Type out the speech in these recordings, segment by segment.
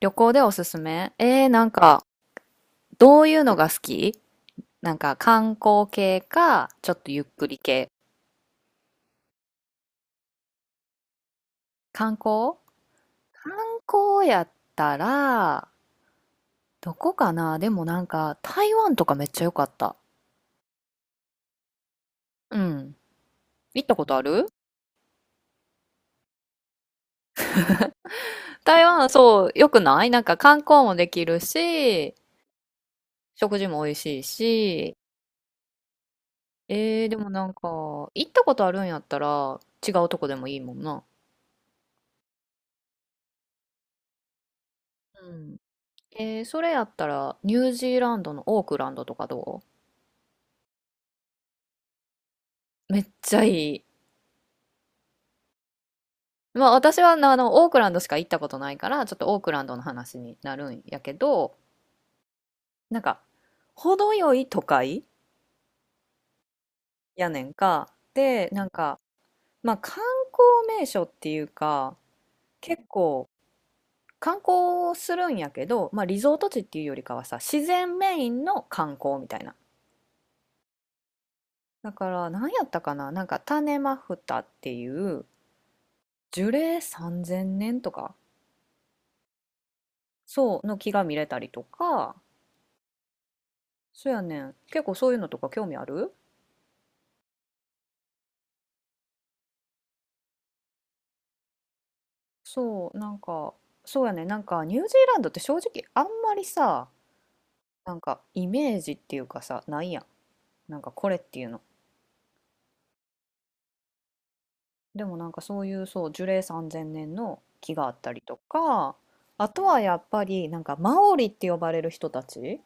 旅行でおすすめなんか、どういうのが好き？なんか、観光系か、ちょっとゆっくり系。観光観光やったら、どこかな。でもなんか、台湾とかめっちゃ良かった。うん。行ったことある？台湾、そう、良くない？なんか観光もできるし、食事も美味しいし、でもなんか、行ったことあるんやったら、違うとこでもいいもんな。うん。それやったら、ニュージーランドのオークランドとかどう？めっちゃいい。まあ私はなオークランドしか行ったことないから、ちょっとオークランドの話になるんやけど、なんか程よい都会やねんか。でなんか、まあ観光名所っていうか、結構観光するんやけど、まあ、リゾート地っていうよりかはさ、自然メインの観光みたいな。だから何やったかな、なんか種マフタっていう、樹齢3000年とかそうの木が見れたりとか。そうやねん。結構そういうのとか興味ある？そう、なんか、そうやねん。なんか、ニュージーランドって正直あんまりさ、なんか、イメージっていうかさ、ないやん。なんか、これっていうの。でもなんかそういう、そう、樹齢3000年の木があったりとか、あとはやっぱり、なんか、マオリって呼ばれる人たち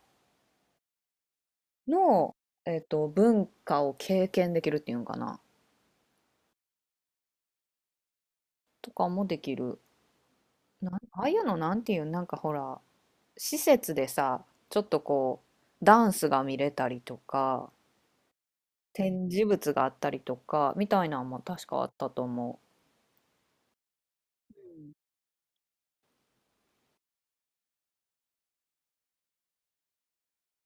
の、文化を経験できるっていうんかな。とかもできる。ああいうのなんていう、なんかほら、施設でさ、ちょっとこう、ダンスが見れたりとか、展示物があったりとか、みたいなのも確かあったと思う。うん、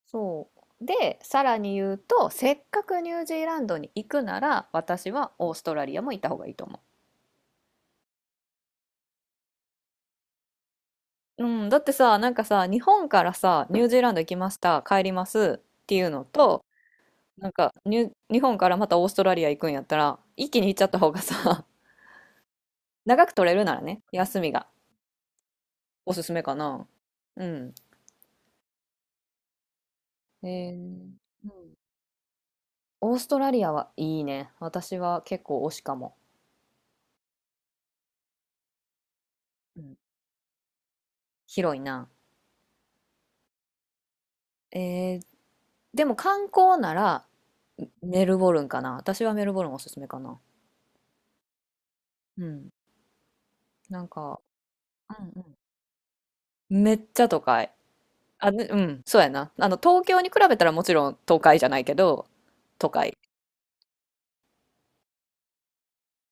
そう。で、さらに言うと、せっかくニュージーランドに行くなら、私はオーストラリアも行った方がいいと思う。うん、だってさ、なんかさ、日本からさ、ニュージーランド行きました、帰りますっていうのと、なんか日本からまたオーストラリア行くんやったら、一気に行っちゃった方がさ、長く取れるならね、休みが。おすすめかな。うん。ええ。うん。オーストラリアはいいね。私は結構推しかも。うん。広いな。ええ、でも観光なら、メルボルンかな。私はメルボルンおすすめかな。うん。なんか、うんうん。めっちゃ都会。あ、ね、うん、そうやな。東京に比べたらもちろん都会じゃないけど、都会。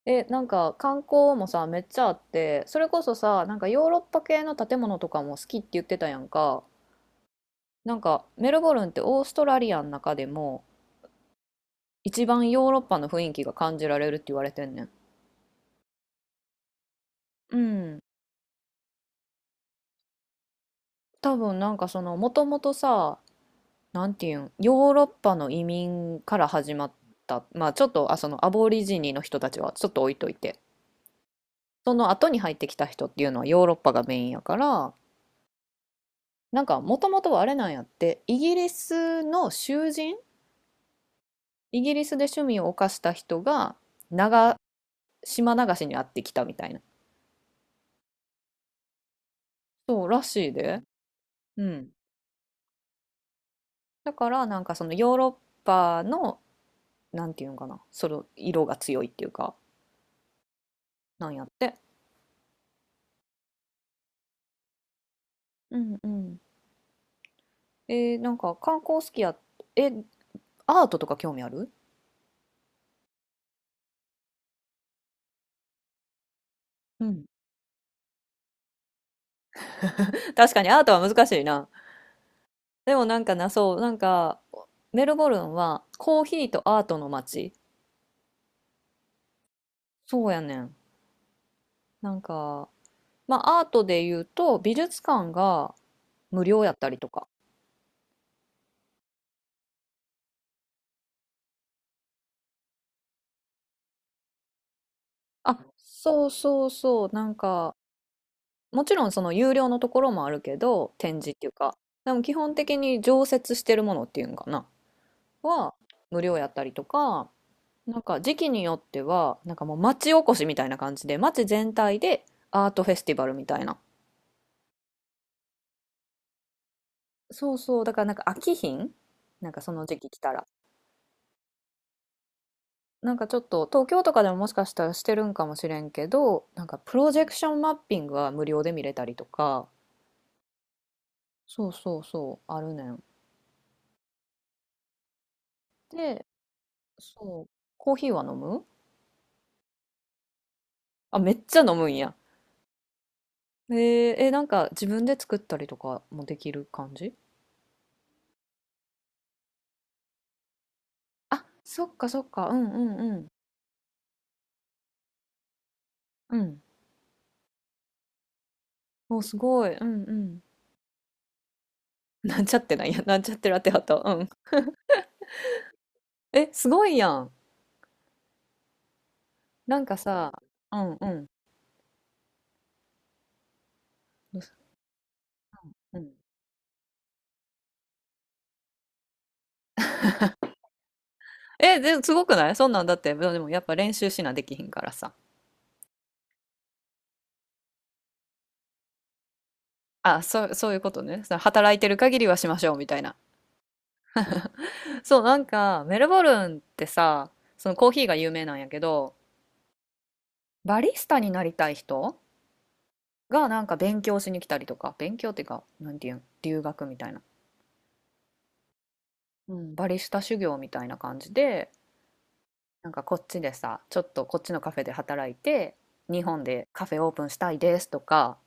え、なんか観光もさ、めっちゃあって、それこそさ、なんかヨーロッパ系の建物とかも好きって言ってたやんか。なんかメルボルンってオーストラリアの中でも、一番ヨーロッパの雰囲気が感じられるって言われてんねん。うん。多分なんかそのもともとさ、なんていうん、ヨーロッパの移民から始まった、まあちょっとそのアボリジニの人たちはちょっと置いといて、その後に入ってきた人っていうのはヨーロッパがメインやから、なんかもともとはあれなんやって、イギリスの囚人、イギリスで趣味を犯した人が、長島流しに会ってきたみたいな。そうらしいで。うん。だからなんかそのヨーロッパの、なんていうのかな、その色が強いっていうか、なんやって。うんうん。なんか観光好きや？え、アートとか興味ある？うん。確かにアートは難しいな。でもなんかな、そう、なんかメルボルンはコーヒーとアートの街。そうやねん。なんか、まあアートで言うと、美術館が無料やったりとか。あ、そうそうそう、なんか、もちろんその有料のところもあるけど、展示っていうか、でも基本的に常設してるものっていうんかなは無料やったりとか、なんか時期によっては、なんかもう町おこしみたいな感じで、町全体でアートフェスティバルみたいな。そうそう、だからなんか飽きひん、なんかその時期来たら。なんかちょっと東京とかでも、もしかしたらしてるんかもしれんけど、なんかプロジェクションマッピングは無料で見れたりとか、そうそうそう、あるねん。で、そう、コーヒーは飲む？あ、めっちゃ飲むんや。なんか自分で作ったりとかもできる感じ？あ、そっかそっか。うんうんうん。うん。もうすごい。うんうん。なんちゃってなんや。なんちゃってラテハト。うん。え、すごいやん。なんかさ、うんうん。どうす、うん。え、で、すごくない？そんなんだって、でもやっぱ練習しなできひんからさ。あ、そう、そういうことね。その働いてる限りはしましょうみたいな。そう、なんか、メルボルンってさ、そのコーヒーが有名なんやけど、バリスタになりたい人がなんか勉強しに来たりとか、勉強っていうか、なんていうん、留学みたいな。うん、バリスタ修行みたいな感じで、なんかこっちでさ、ちょっとこっちのカフェで働いて、日本でカフェオープンしたいですとか、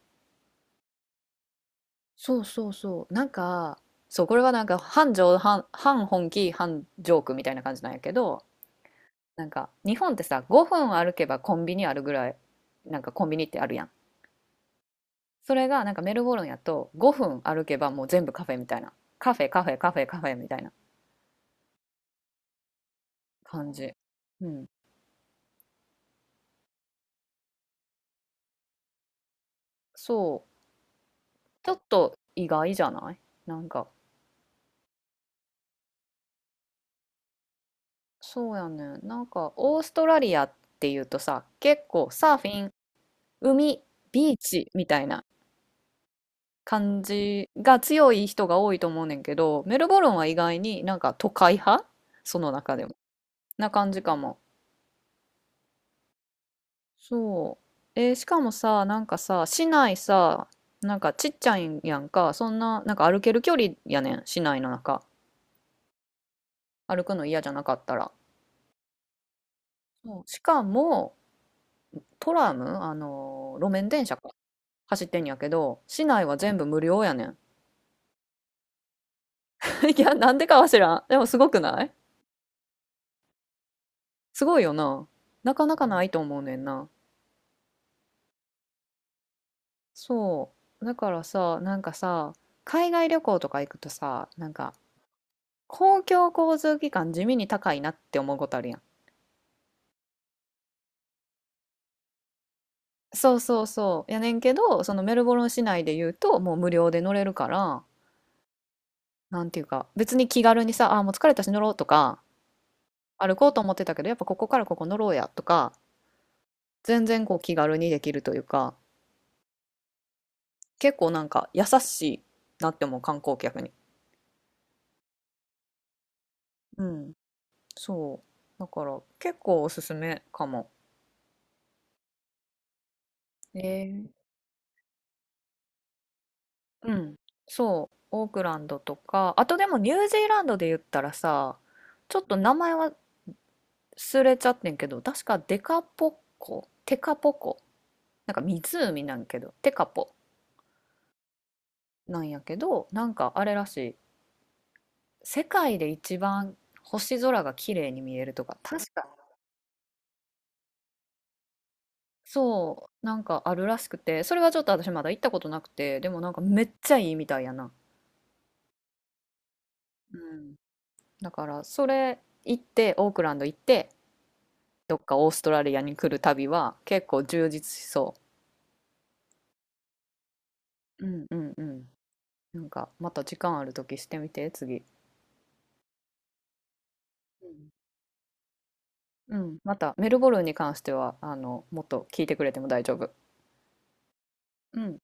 そうそうそう、なんか、そう、これはなんか半本気、半ジョークみたいな感じなんやけど、なんか日本ってさ、5分歩けばコンビニあるぐらい、なんかコンビニってあるやん。それがなんかメルボルンやと5分歩けばもう全部カフェみたいな。カフェカフェカフェカフェみたいな感じ。うん。そう。ちょっと意外じゃない？なんか、そうやねん。なんか、オーストラリアっていうとさ、結構サーフィン、海、ビーチみたいな感じが強い人が多いと思うねんけど、メルボルンは意外になんか都会派、その中でも。な感じかも。そう。しかもさ、なんかさ、市内さ、なんかちっちゃいんやんか、そんな、なんか歩ける距離やねん、市内の中。歩くの嫌じゃなかったら。そう。しかも、トラム、路面電車か。走ってんやけど、市内は全部無料やねん。いや、なんでかは知らん。でもすごくない？すごいよな。なかなかないと思うねんな。そう。だからさ、なんかさ、海外旅行とか行くとさ、なんか、公共交通機関地味に高いなって思うことあるやん。そうそうそう。やねんけど、そのメルボルン市内で言うと、もう無料で乗れるから、なんていうか、別に気軽にさ、もう疲れたし乗ろうとか、歩こうと思ってたけど、やっぱここからここ乗ろうやとか、全然こう気軽にできるというか、結構なんか優しいなって思う、観光客に。うん、そう。だから結構おすすめかも。えー、うん、そう、オークランドとか、あとでもニュージーランドで言ったらさ、ちょっと名前は忘れちゃってんけど、確かデカポッコ、テカポコ、なんか湖なんけど、テカポなんやけど、なんかあれらしい、世界で一番星空が綺麗に見えるとか、確か、そう、なんかあるらしくて、それはちょっと私まだ行ったことなくて、でもなんかめっちゃいいみたいやな。うん。だからそれ行って、オークランド行って、どっかオーストラリアに来る旅は結構充実しそう。うんうんうん。なんかまた時間ある時してみて、次。うん、うん、またメルボルンに関しては、もっと聞いてくれても大丈夫。うん。